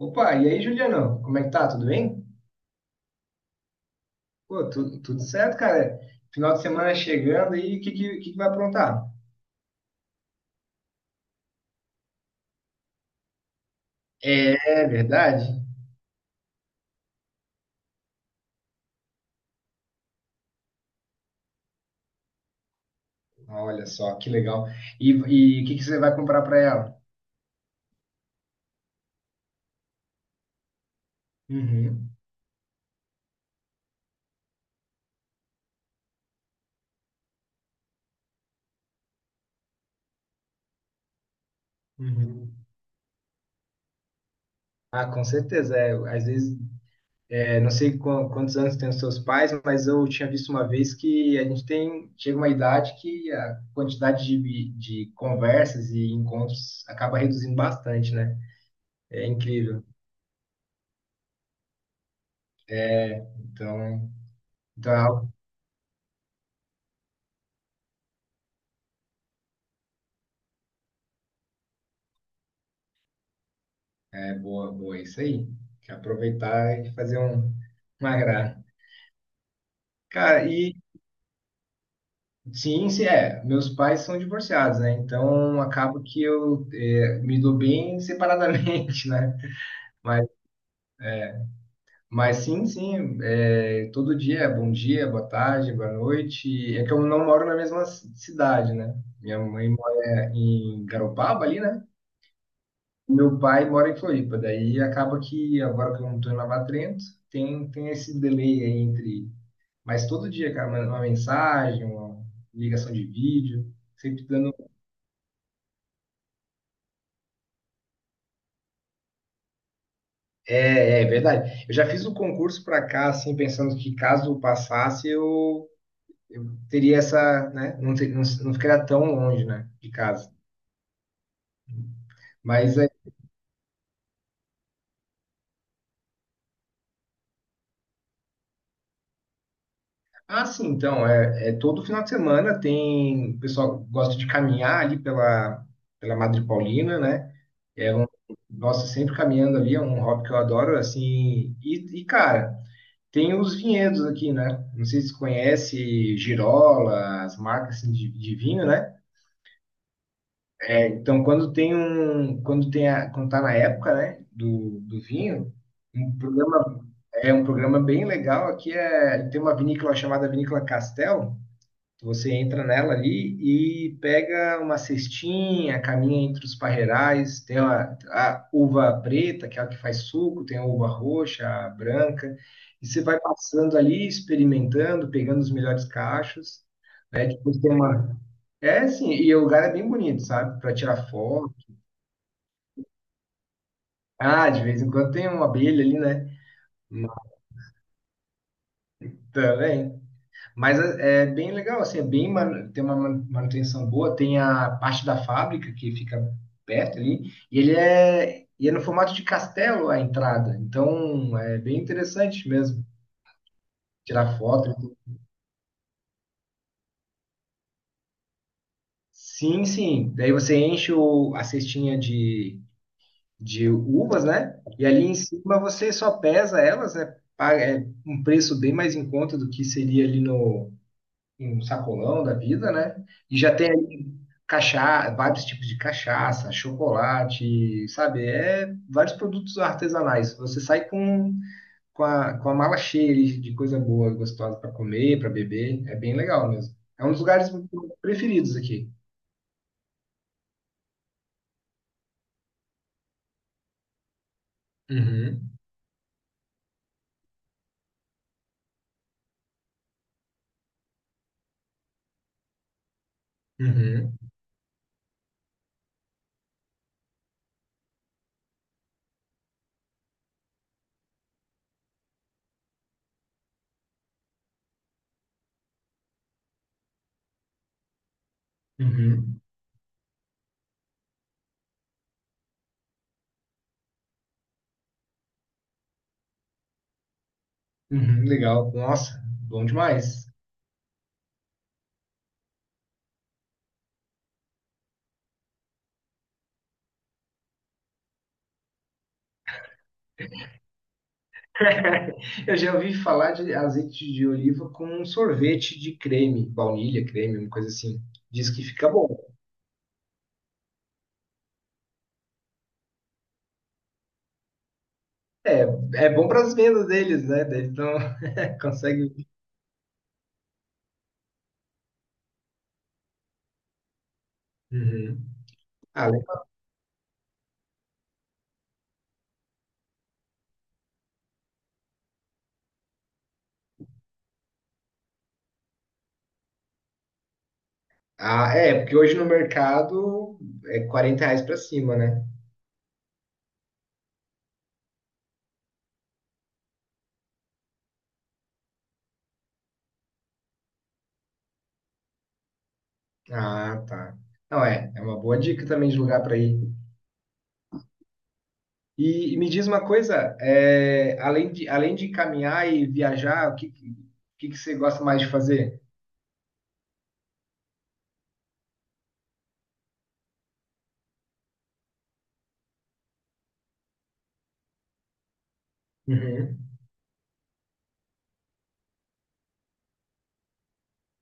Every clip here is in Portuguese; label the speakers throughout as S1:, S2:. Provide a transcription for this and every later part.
S1: Opa, e aí, Juliano? Como é que tá? Tudo bem? Pô, tudo certo, cara. Final de semana chegando e o que que vai aprontar? É verdade? Olha só, que legal. E o que você vai comprar para ela? Uhum, uhum. Ah, com certeza. É, às vezes, é, não sei quantos anos tem os seus pais, mas eu tinha visto uma vez que a gente tem, chega uma idade que a quantidade de conversas e encontros acaba reduzindo bastante, né? É incrível. Então, então é algo. É boa, boa, isso aí. Que aproveitar e fazer uma graça. Cara, e sim, se é. Meus pais são divorciados, né? Então acabo que me dou bem separadamente, né? Mas, mas sim, sim, é, todo dia, é bom dia, boa tarde, boa noite. É que eu não moro na mesma cidade, né? Minha mãe mora em Garopaba ali, né? Meu pai mora em Floripa, daí acaba que agora que eu não estou em Lava Trento, tem esse delay aí entre. Mas todo dia, cara, uma mensagem, uma ligação de vídeo, sempre dando. É verdade. Eu já fiz o concurso para cá, assim, pensando que caso eu passasse, eu teria essa, né? Não, não, não ficaria tão longe, né, de casa. Mas é. Ah, sim, então, é todo final de semana tem. O pessoal gosta de caminhar ali pela Madre Paulina, né? É um, Nossa, sempre caminhando ali, é um hobby que eu adoro, assim. E cara. Tem os vinhedos aqui, né? Não sei se conhece Girola, as marcas assim, de vinho, né? É, então, quando tá na época, né, do vinho, um programa é um programa bem legal aqui, é, tem uma vinícola chamada Vinícola Castel, você entra nela ali e pega uma cestinha, caminha entre os parreirais, tem a uva preta, que é a que faz suco, tem a uva roxa, a branca, e você vai passando ali, experimentando, pegando os melhores cachos, né? Depois tem uma. É assim, e o lugar é bem bonito, sabe? Para tirar foto. Ah, de vez em quando tem uma abelha ali, né? Também. Mas é bem legal, assim, é bem tem uma manutenção boa, tem a parte da fábrica que fica perto ali, e é no formato de castelo a entrada, então é bem interessante mesmo tirar foto. Sim, sim, daí você enche a cestinha de uvas, né? E ali em cima você só pesa elas, né? Paga, é um preço bem mais em conta do que seria ali no, um sacolão da vida, né? E já tem aí cachaça, vários tipos de cachaça, chocolate, sabe? É vários produtos artesanais. Você sai com a mala cheia de coisa boa, gostosa para comer, para beber. É bem legal mesmo. É um dos lugares preferidos aqui. Uhum, uhum, uhum, uhum. Legal. Nossa, bom demais. Eu já ouvi falar de azeite de oliva com um sorvete de creme, baunilha, creme, uma coisa assim. Diz que fica bom. É, é bom para as vendas deles, né? Daí eles não conseguem. Uhum. Ah, le- ah, é, porque hoje no mercado é R$ 40 para cima, né? Ah, tá. Não, é uma boa dica também de lugar para ir. E me diz uma coisa, é, além de caminhar e viajar, o que que você gosta mais de fazer? Uhum.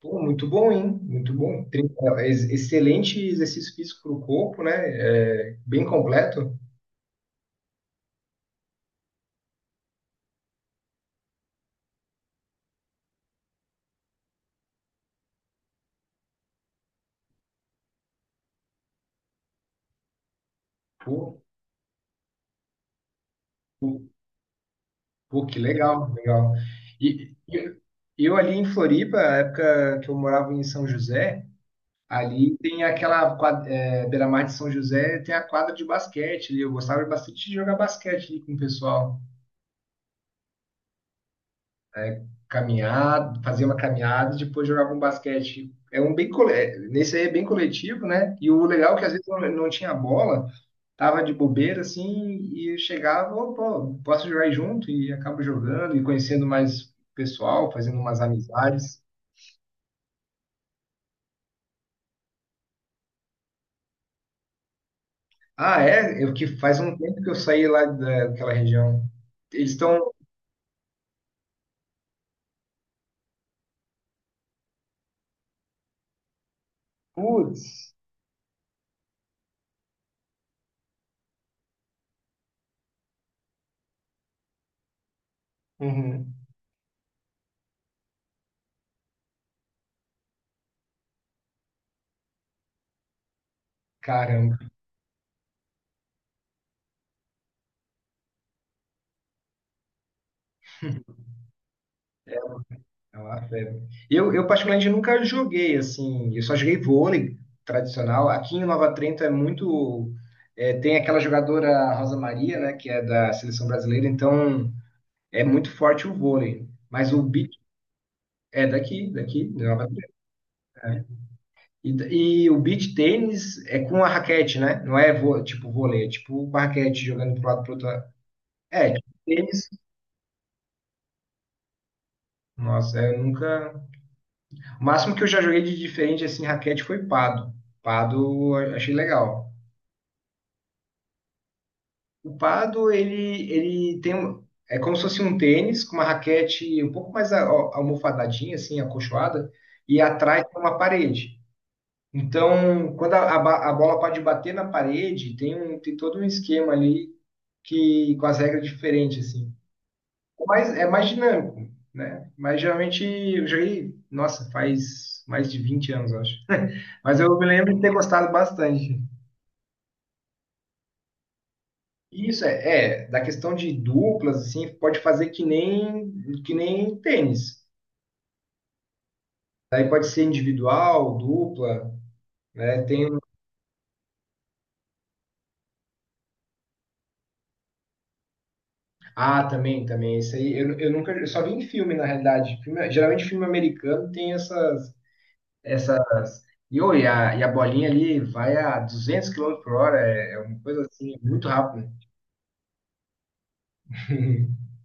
S1: Pô, muito bom, hein? Muito bom. Excelente exercício físico para o corpo, né? É, bem completo. Pô, pô, que legal, legal. E eu ali em Floripa, na época que eu morava em São José, ali tem aquela quadra, é, beira-mar de São José, tem a quadra de basquete ali. Eu gostava bastante de jogar basquete ali com o pessoal. Caminhar, fazer uma caminhada e depois jogava um basquete. É, nesse aí é bem coletivo, né? E o legal é que às vezes não tinha bola. Tava de bobeira assim e eu chegava: "Ô, pô, posso jogar junto?" E acabo jogando e conhecendo mais pessoal, fazendo umas amizades. Ah, é? Eu que faz um tempo que eu saí lá daquela região. Eles estão. Putz! Uhum. Caramba, é é uma febre. Eu particularmente nunca joguei assim, eu só joguei vôlei tradicional. Aqui em Nova Trento é muito. É, tem aquela jogadora Rosa Maria, né, que é da seleção brasileira, então. É muito forte o vôlei, mas o beach é daqui, daqui, de Nova Zelândia, né? E o beach tênis é com a raquete, né? Não é tipo vôlei, é tipo com a raquete jogando pro lado pro outro lado. É, tipo tênis. Nossa, eu nunca. O máximo que eu já joguei de diferente assim, raquete foi pado. Pado eu achei legal. O pado, ele é como se fosse um tênis com uma raquete um pouco mais almofadadinha assim, acolchoada, e atrás tem uma parede. Então, quando a bola pode bater na parede, tem todo um esquema ali, que com as regras diferentes, assim. Mas é mais dinâmico, né? Mas geralmente eu joguei, nossa, faz mais de 20 anos, eu acho. Mas eu me lembro de ter gostado bastante. E isso da questão de duplas, assim, pode fazer que nem tênis. Daí pode ser individual, dupla, né? Tem. Ah, também, também. Isso aí, eu nunca, eu só vi em filme, na realidade. Geralmente filme americano tem essas. E, ô, e a bolinha ali vai a 200 km/h, é uma coisa assim, muito rápida.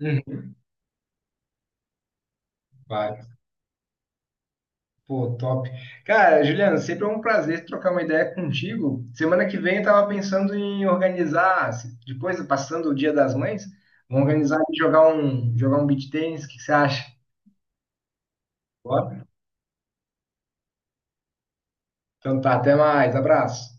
S1: Uhum, vai. Pô, top. Cara, Juliano, sempre é um prazer trocar uma ideia contigo. Semana que vem eu tava pensando em organizar, depois, passando o Dia das Mães, vamos organizar e jogar um beach tennis, o que que você acha? Bora? Então tá, até mais, abraço.